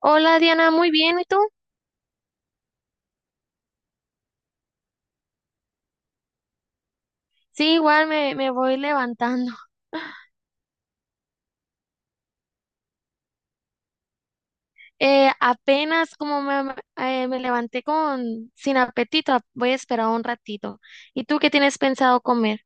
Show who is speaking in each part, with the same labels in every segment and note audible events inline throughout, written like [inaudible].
Speaker 1: Hola Diana, muy bien, ¿y tú? Sí, igual me voy levantando. [laughs] Apenas como me levanté con sin apetito, voy a esperar un ratito. ¿Y tú qué tienes pensado comer?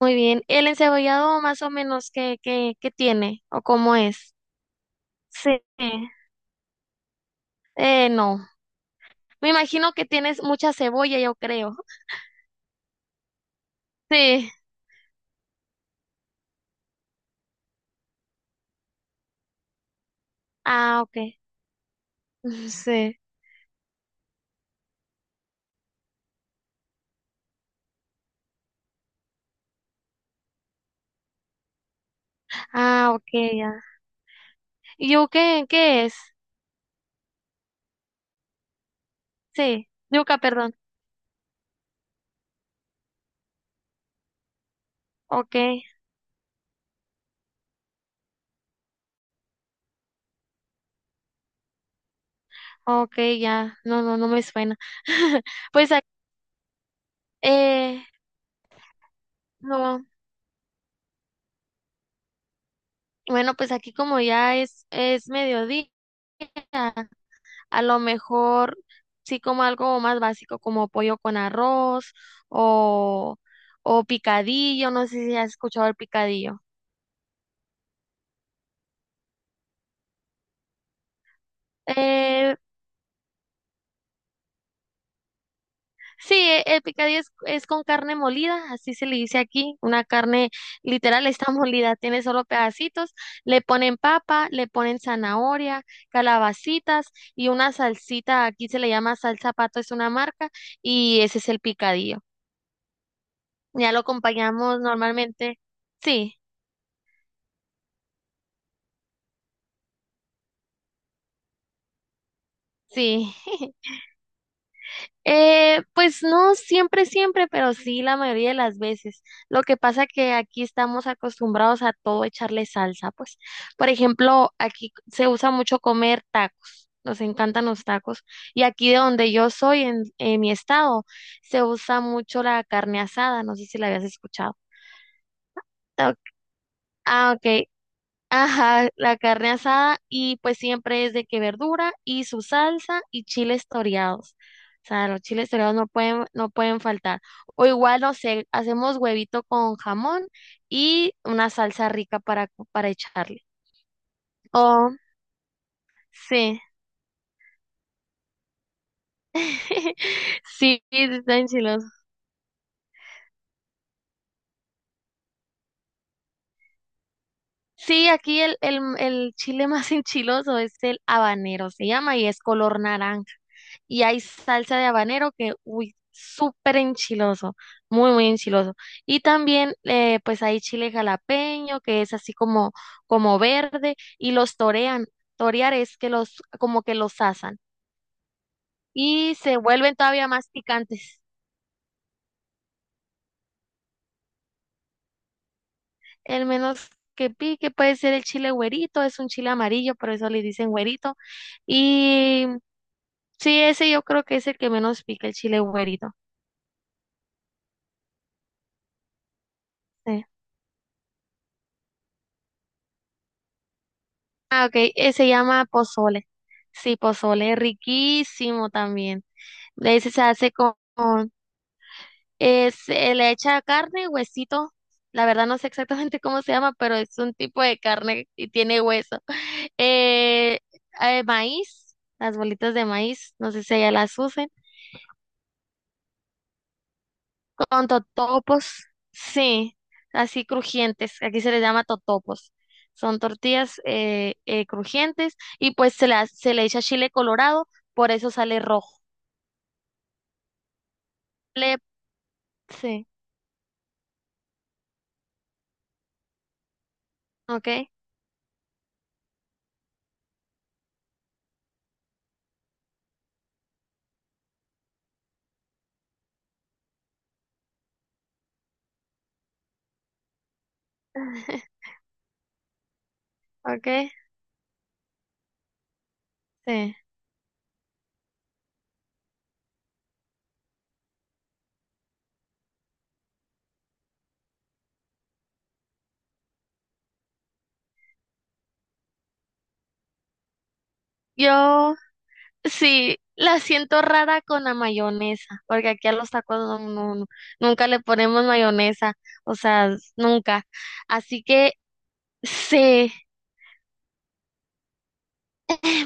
Speaker 1: Muy bien. ¿El encebollado más o menos qué tiene o cómo es? Sí. No. Me imagino que tienes mucha cebolla, yo creo. Sí. Ah, ok. [laughs] Sí. Ah, ok, ya. ¿Yuca qué es? Sí. Yuca, perdón. Ok. Ok, ya, no, no, no me suena. [laughs] Pues, eh, no, bueno, pues aquí como ya es mediodía, a lo mejor sí como algo más básico como pollo con arroz o, o picadillo, no sé si has escuchado el picadillo. Eh, Sí, el picadillo es con carne molida, así se le dice aquí, una carne literal está [laughs] molida, tiene solo pedacitos, le ponen papa, le ponen zanahoria, calabacitas y una salsita, aquí se le llama salsa pato, es una marca, y ese es el picadillo. Ya lo acompañamos normalmente, sí, sí. [laughs] Pues no siempre, siempre, pero sí la mayoría de las veces. Lo que pasa que aquí estamos acostumbrados a todo echarle salsa, pues. Por ejemplo, aquí se usa mucho comer tacos. Nos encantan los tacos. Y aquí de donde yo soy, en mi estado, se usa mucho la carne asada. No sé si la habías escuchado. Ah, ok. Ajá, la carne asada y pues siempre es de que verdura y su salsa y chiles toreados. O sea, los chiles toreados no pueden faltar. O igual, no sé, hacemos huevito con jamón y una salsa rica para echarle. Oh, sí. [laughs] Sí, está enchiloso. Sí, aquí el chile [laughs] más enchiloso es el habanero, se llama, y es color naranja. Y hay salsa de habanero que, uy, súper enchiloso, muy, muy enchiloso. Y también, pues hay chile jalapeño, que es así como verde, y los torean. Torear es que los, como que los asan. Y se vuelven todavía más picantes. El menos que pique puede ser el chile güerito, es un chile amarillo, por eso le dicen güerito. Y sí, ese yo creo que es el que menos pica, el chile güerito. Sí. Ah, ok, se llama pozole. Sí, pozole, riquísimo también. Ese se hace se le echa carne, huesito. La verdad no sé exactamente [laughs] cómo se llama, pero es un tipo de carne y tiene hueso. [laughs] Eh, Maíz, las bolitas de maíz, no sé si ella las use. Con totopos, sí, así crujientes. Aquí se les llama totopos. Son tortillas crujientes y pues se le echa chile colorado, por eso sale rojo. Le, sí, ok, [laughs] ok, sí. Yo sí la siento rara con la mayonesa, porque aquí a los tacos no, nunca le ponemos mayonesa, o sea, nunca. Así que sí.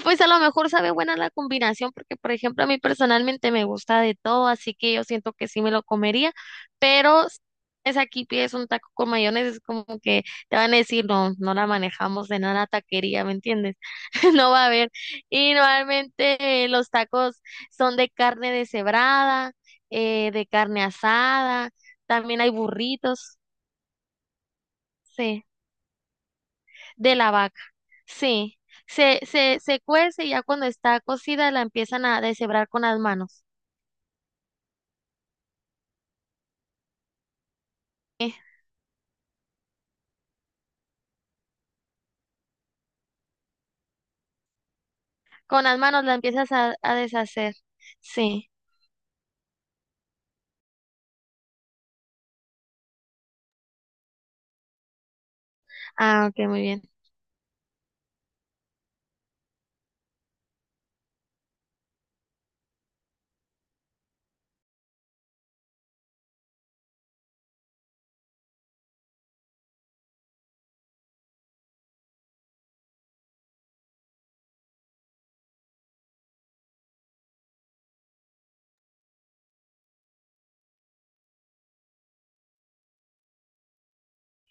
Speaker 1: Pues a lo mejor sabe buena la combinación, porque por ejemplo a mí personalmente me gusta de todo, así que yo siento que sí me lo comería, pero es aquí pides un taco con mayonesa, es como que te van a decir, no, no la manejamos de nada taquería, ¿me entiendes? [laughs] No va a haber. Y normalmente los tacos son de carne deshebrada, de carne asada, también hay burritos, sí, de la vaca. Sí, se cuece y ya cuando está cocida la empiezan a deshebrar con las manos. ¿Eh? Con las manos la empiezas a deshacer. Sí. Ah, ok, muy bien.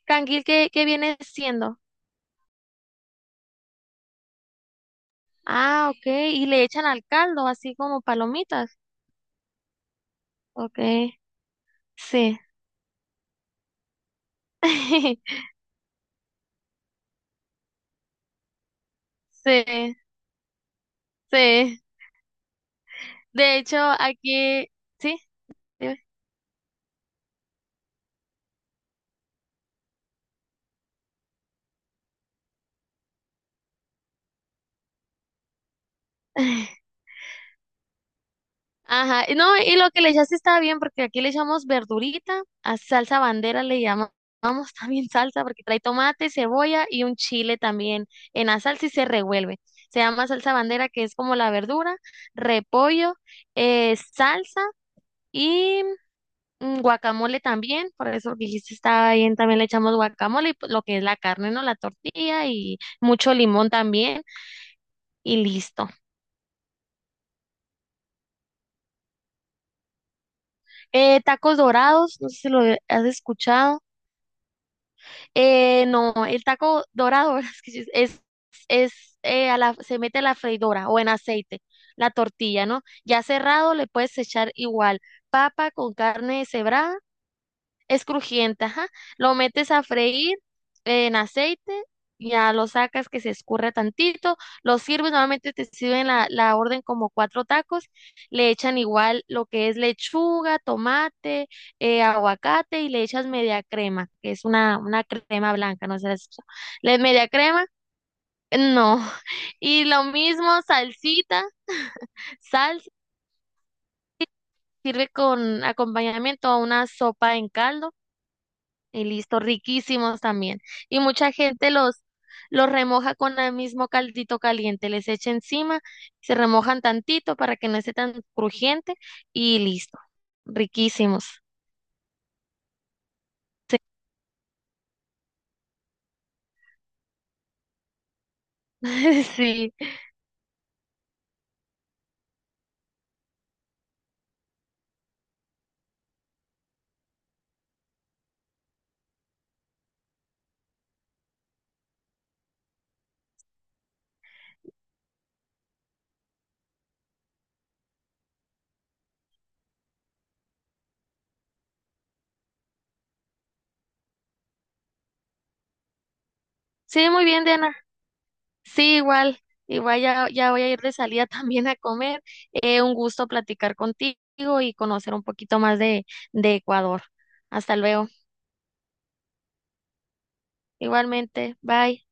Speaker 1: Canguil, ¿qué viene siendo? Ah, ok. Y le echan al caldo, así como palomitas. Ok, sí. [laughs] Sí, sí. De hecho, aquí, sí, dime. [laughs] Ajá, y no, y lo que le echaste estaba bien porque aquí le echamos verdurita, a salsa bandera le llamamos [laughs] también salsa porque trae tomate, cebolla y un chile también en la salsa y se revuelve. Se llama salsa bandera que es como la verdura, repollo, salsa y guacamole también, por eso que dijiste estaba bien, también le echamos guacamole y pues, lo que es la carne, ¿no? La tortilla y mucho limón también y listo. Tacos dorados, no sé si lo has escuchado. No, el taco dorado [laughs] que sí, es, se mete a la freidora o en aceite, la tortilla, ¿no? Ya cerrado le puedes echar igual papa con carne deshebrada. Es crujiente, ajá. Lo metes a freír en aceite, ya lo sacas que se escurra tantito, lo sirves, normalmente te sirven la orden como cuatro tacos, le echan igual lo que es lechuga, tomate, aguacate y le echas media crema, que es una crema blanca, no sé, si has escuchado. Le media crema, no. [laughs] Y lo mismo, salsita, [laughs] sal, sirve con acompañamiento a una sopa en caldo. Y listo, riquísimos también. Y mucha gente los remoja con el mismo caldito caliente, les echa encima, se remojan tantito para que no esté tan crujiente y listo, riquísimos. [laughs] Sí, sí, muy bien, Diana. Sí, igual ya voy a ir de salida [laughs] también a comer. Un gusto platicar contigo y conocer un poquito más de Ecuador. Hasta luego. Igualmente, bye.